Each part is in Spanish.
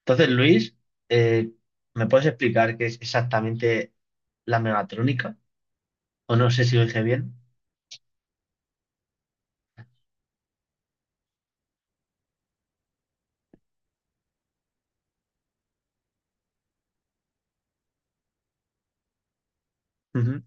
Entonces, Luis, eh, ¿me puedes explicar qué es exactamente la megatrónica? O no sé si lo dije bien. Ujú.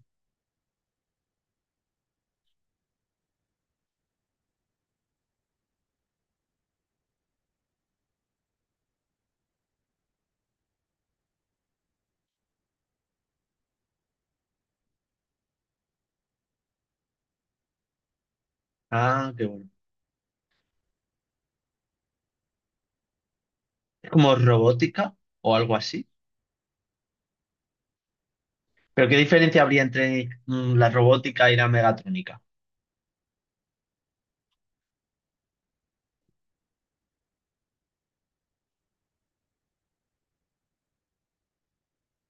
Ah, qué bueno. ¿Es como robótica o algo así? ¿Pero qué diferencia habría entre la robótica y la megatrónica?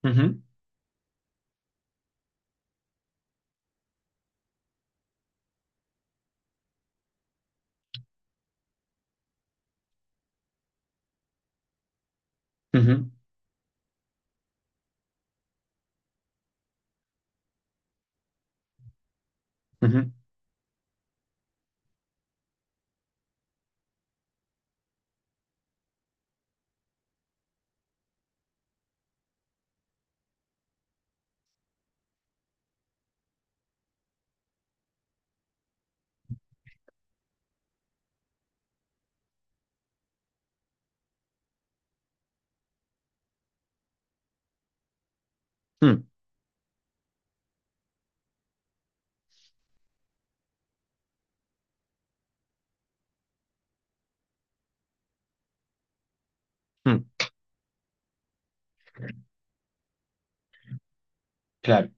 Ujú, ujú, ujú, mm, mm, claro.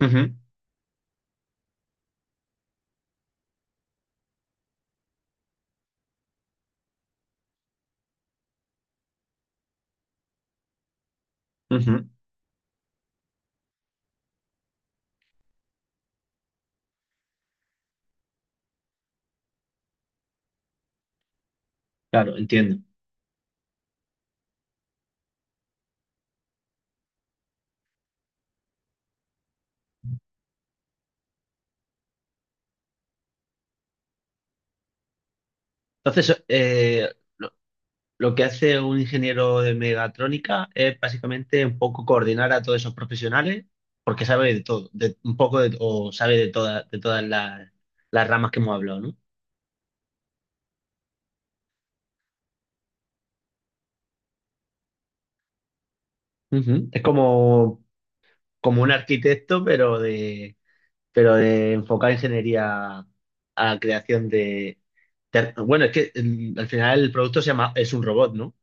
Ujú, ujú, claro, entiendo. Entonces, lo que hace un ingeniero de megatrónica es básicamente un poco coordinar a todos esos profesionales, porque sabe de todo, de, un poco de, o sabe de todas las ramas que hemos hablado, ¿no? Ujú. Es como, como un arquitecto, pero de enfocar ingeniería a creación de- Bueno, es que al final el producto se llama, es un robot, ¿no?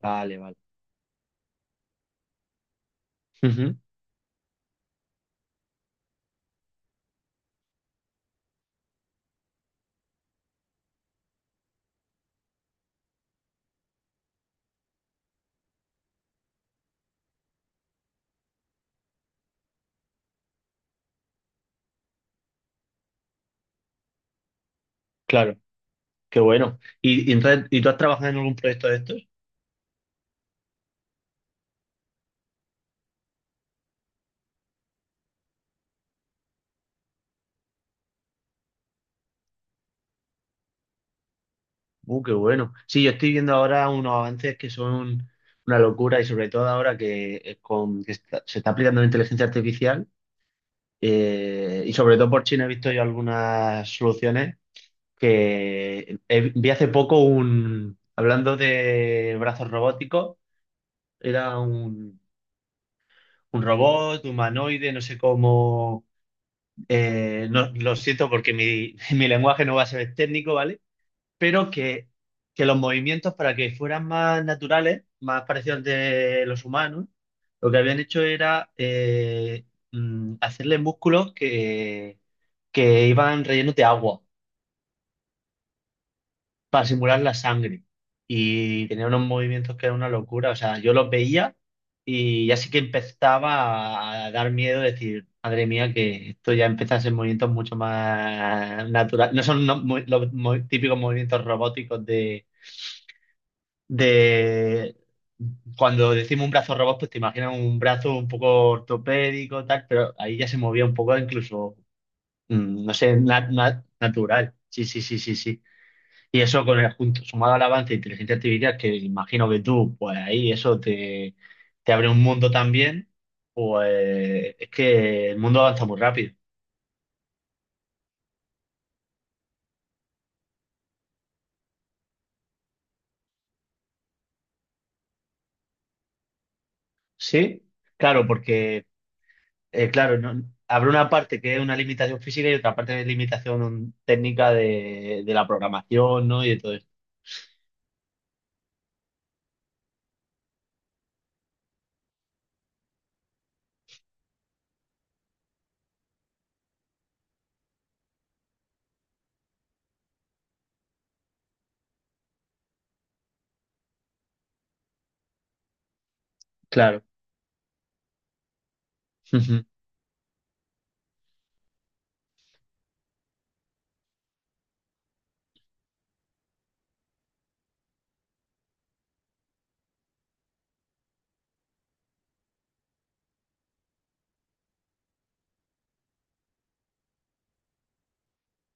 Vale, vale. Ujú, claro, qué bueno. ¿Y entonces, ¿y tú has trabajado en algún proyecto de estos? Qué bueno. Sí, yo estoy viendo ahora unos avances que son una locura y sobre todo ahora que, con, que está- se está aplicando la inteligencia artificial y sobre todo por China he visto yo algunas soluciones que he- vi hace poco un, hablando de brazos robóticos, era un robot humanoide, no sé cómo, no, lo siento porque mi, mi lenguaje no va a ser técnico, ¿vale? Pero que los movimientos, para que fueran más naturales, más parecidos al de los humanos, lo que habían hecho era hacerle músculos que iban rellenos de agua para simular la sangre. Y tenía unos movimientos que era una locura. O sea, yo los veía y ya así que empezaba a dar miedo, decir, madre mía, que esto ya empieza a ser movimientos mucho más naturales. No son no- mo- los mo- típicos movimientos robóticos de cuando decimos un brazo robot, pues te imaginas un brazo un poco ortopédico, tal, pero ahí ya se movía un poco incluso, no sé, na- na- natural. Sí, sí, sí, sí, sí. Y eso con el junto, sumado al avance de inteligencia artificial, que imagino que tú, pues ahí eso te, te abre un mundo también, pues es que el mundo avanza muy rápido. Sí, claro, porque claro, no- habrá una parte que es una limitación física y otra parte de limitación técnica de la programación, ¿no? Y de todo esto. Claro. Ujú,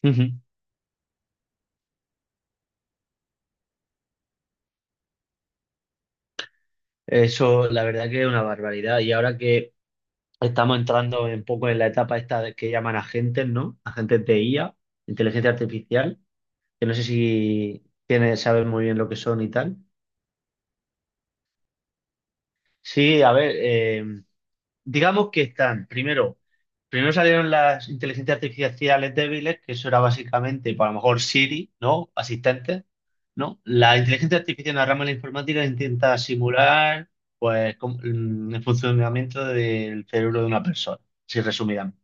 ujú. Eso, la verdad que es una barbaridad. Y ahora que estamos entrando un poco en la etapa esta de- que llaman agentes, ¿no? Agentes de IA, inteligencia artificial, que no sé si tienes, sabes muy bien lo que son y tal. Sí, a ver, digamos que están, primero, primero salieron las inteligencias artificiales débiles, que eso era básicamente, pues, a lo mejor Siri, ¿no? Asistentes, ¿no? La inteligencia artificial en la rama de la informática intenta simular, pues, com- el funcionamiento del cerebro de una persona, si resumidamente.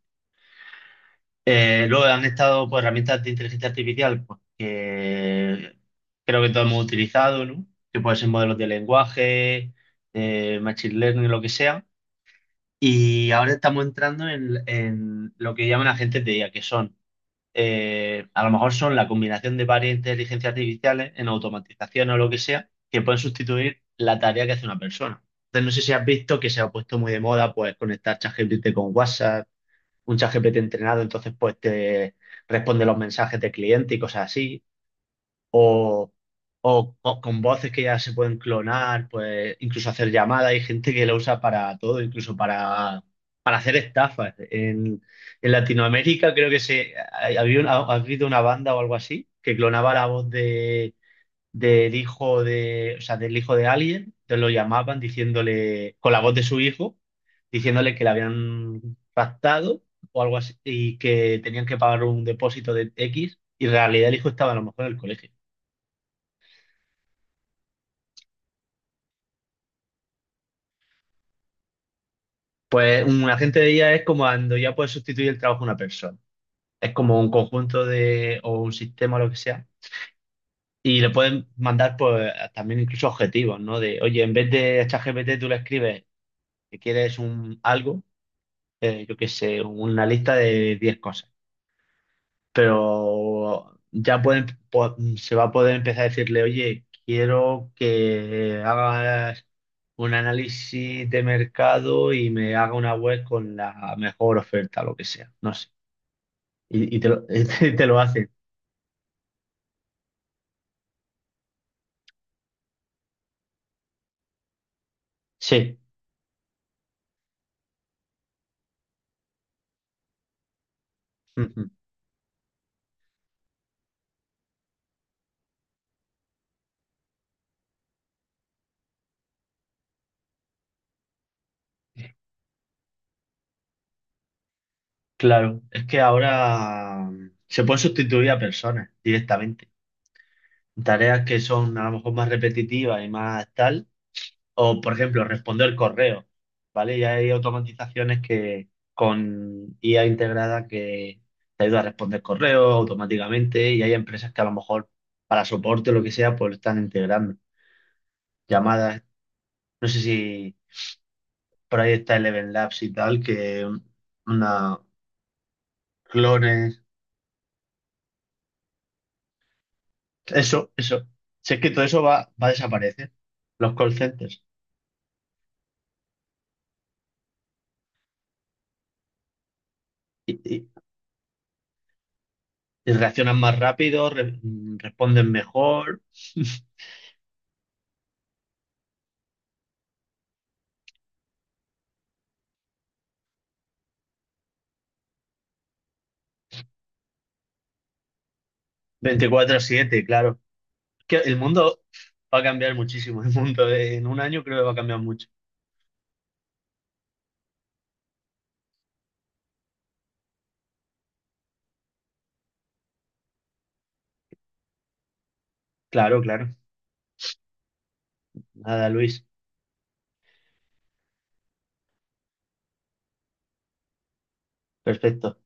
Luego han estado, pues, herramientas de inteligencia artificial, pues, que creo que todos hemos utilizado, ¿no? Que pueden ser modelos de lenguaje, machine learning, lo que sea, y ahora estamos entrando en lo que llaman agentes de IA, que son, a lo mejor son la combinación de varias inteligencias artificiales en automatización o lo que sea, que pueden sustituir la tarea que hace una persona. Entonces, no sé si has visto que se ha puesto muy de moda, pues, conectar ChatGPT con WhatsApp, un ChatGPT entrenado, entonces, pues, te responde los mensajes de cliente y cosas así, o, o co- con voces que ya se pueden clonar, pues incluso hacer llamadas. Hay gente que lo usa para todo, incluso para hacer estafas. En Latinoamérica creo que se ha- había una- ha habido una banda o algo así que clonaba la voz de, del hijo de, o sea, del hijo de alguien, entonces lo llamaban diciéndole, con la voz de su hijo, diciéndole que le habían raptado o algo así y que tenían que pagar un depósito de X y en realidad el hijo estaba a lo mejor en el colegio. Pues un agente de IA es como cuando ya puedes sustituir el trabajo de una persona. Es como un conjunto de, o un sistema, lo que sea. Y le pueden mandar pues también incluso objetivos, ¿no? De, oye, en vez de ChatGPT tú le escribes que quieres un algo, yo qué sé, una lista de 10 cosas. Pero ya pueden, po- se va a poder empezar a decirle, oye, quiero que hagas un análisis de mercado y me haga una web con la mejor oferta, lo que sea. No sé. Y, y te lo, y te lo hacen. Sí, ujú, claro. Es que ahora se pueden sustituir a personas directamente. Tareas que son a lo mejor más repetitivas y más tal, o por ejemplo, responder correo, ¿vale? Ya hay automatizaciones que con IA integrada que te ayuda a responder correo automáticamente y hay empresas que a lo mejor para soporte o lo que sea, pues lo están integrando. Llamadas, no sé si por ahí está Eleven Labs y tal, que una, clones. Eso, eso. Si es que todo eso va, va a desaparecer. Los call centers. Y, y- y reaccionan más rápido, re- responden mejor. 24/7, claro. Que el mundo va a cambiar muchísimo. El mundo de- en un año creo que va a cambiar mucho. Claro, claro. Nada, Luis. Perfecto.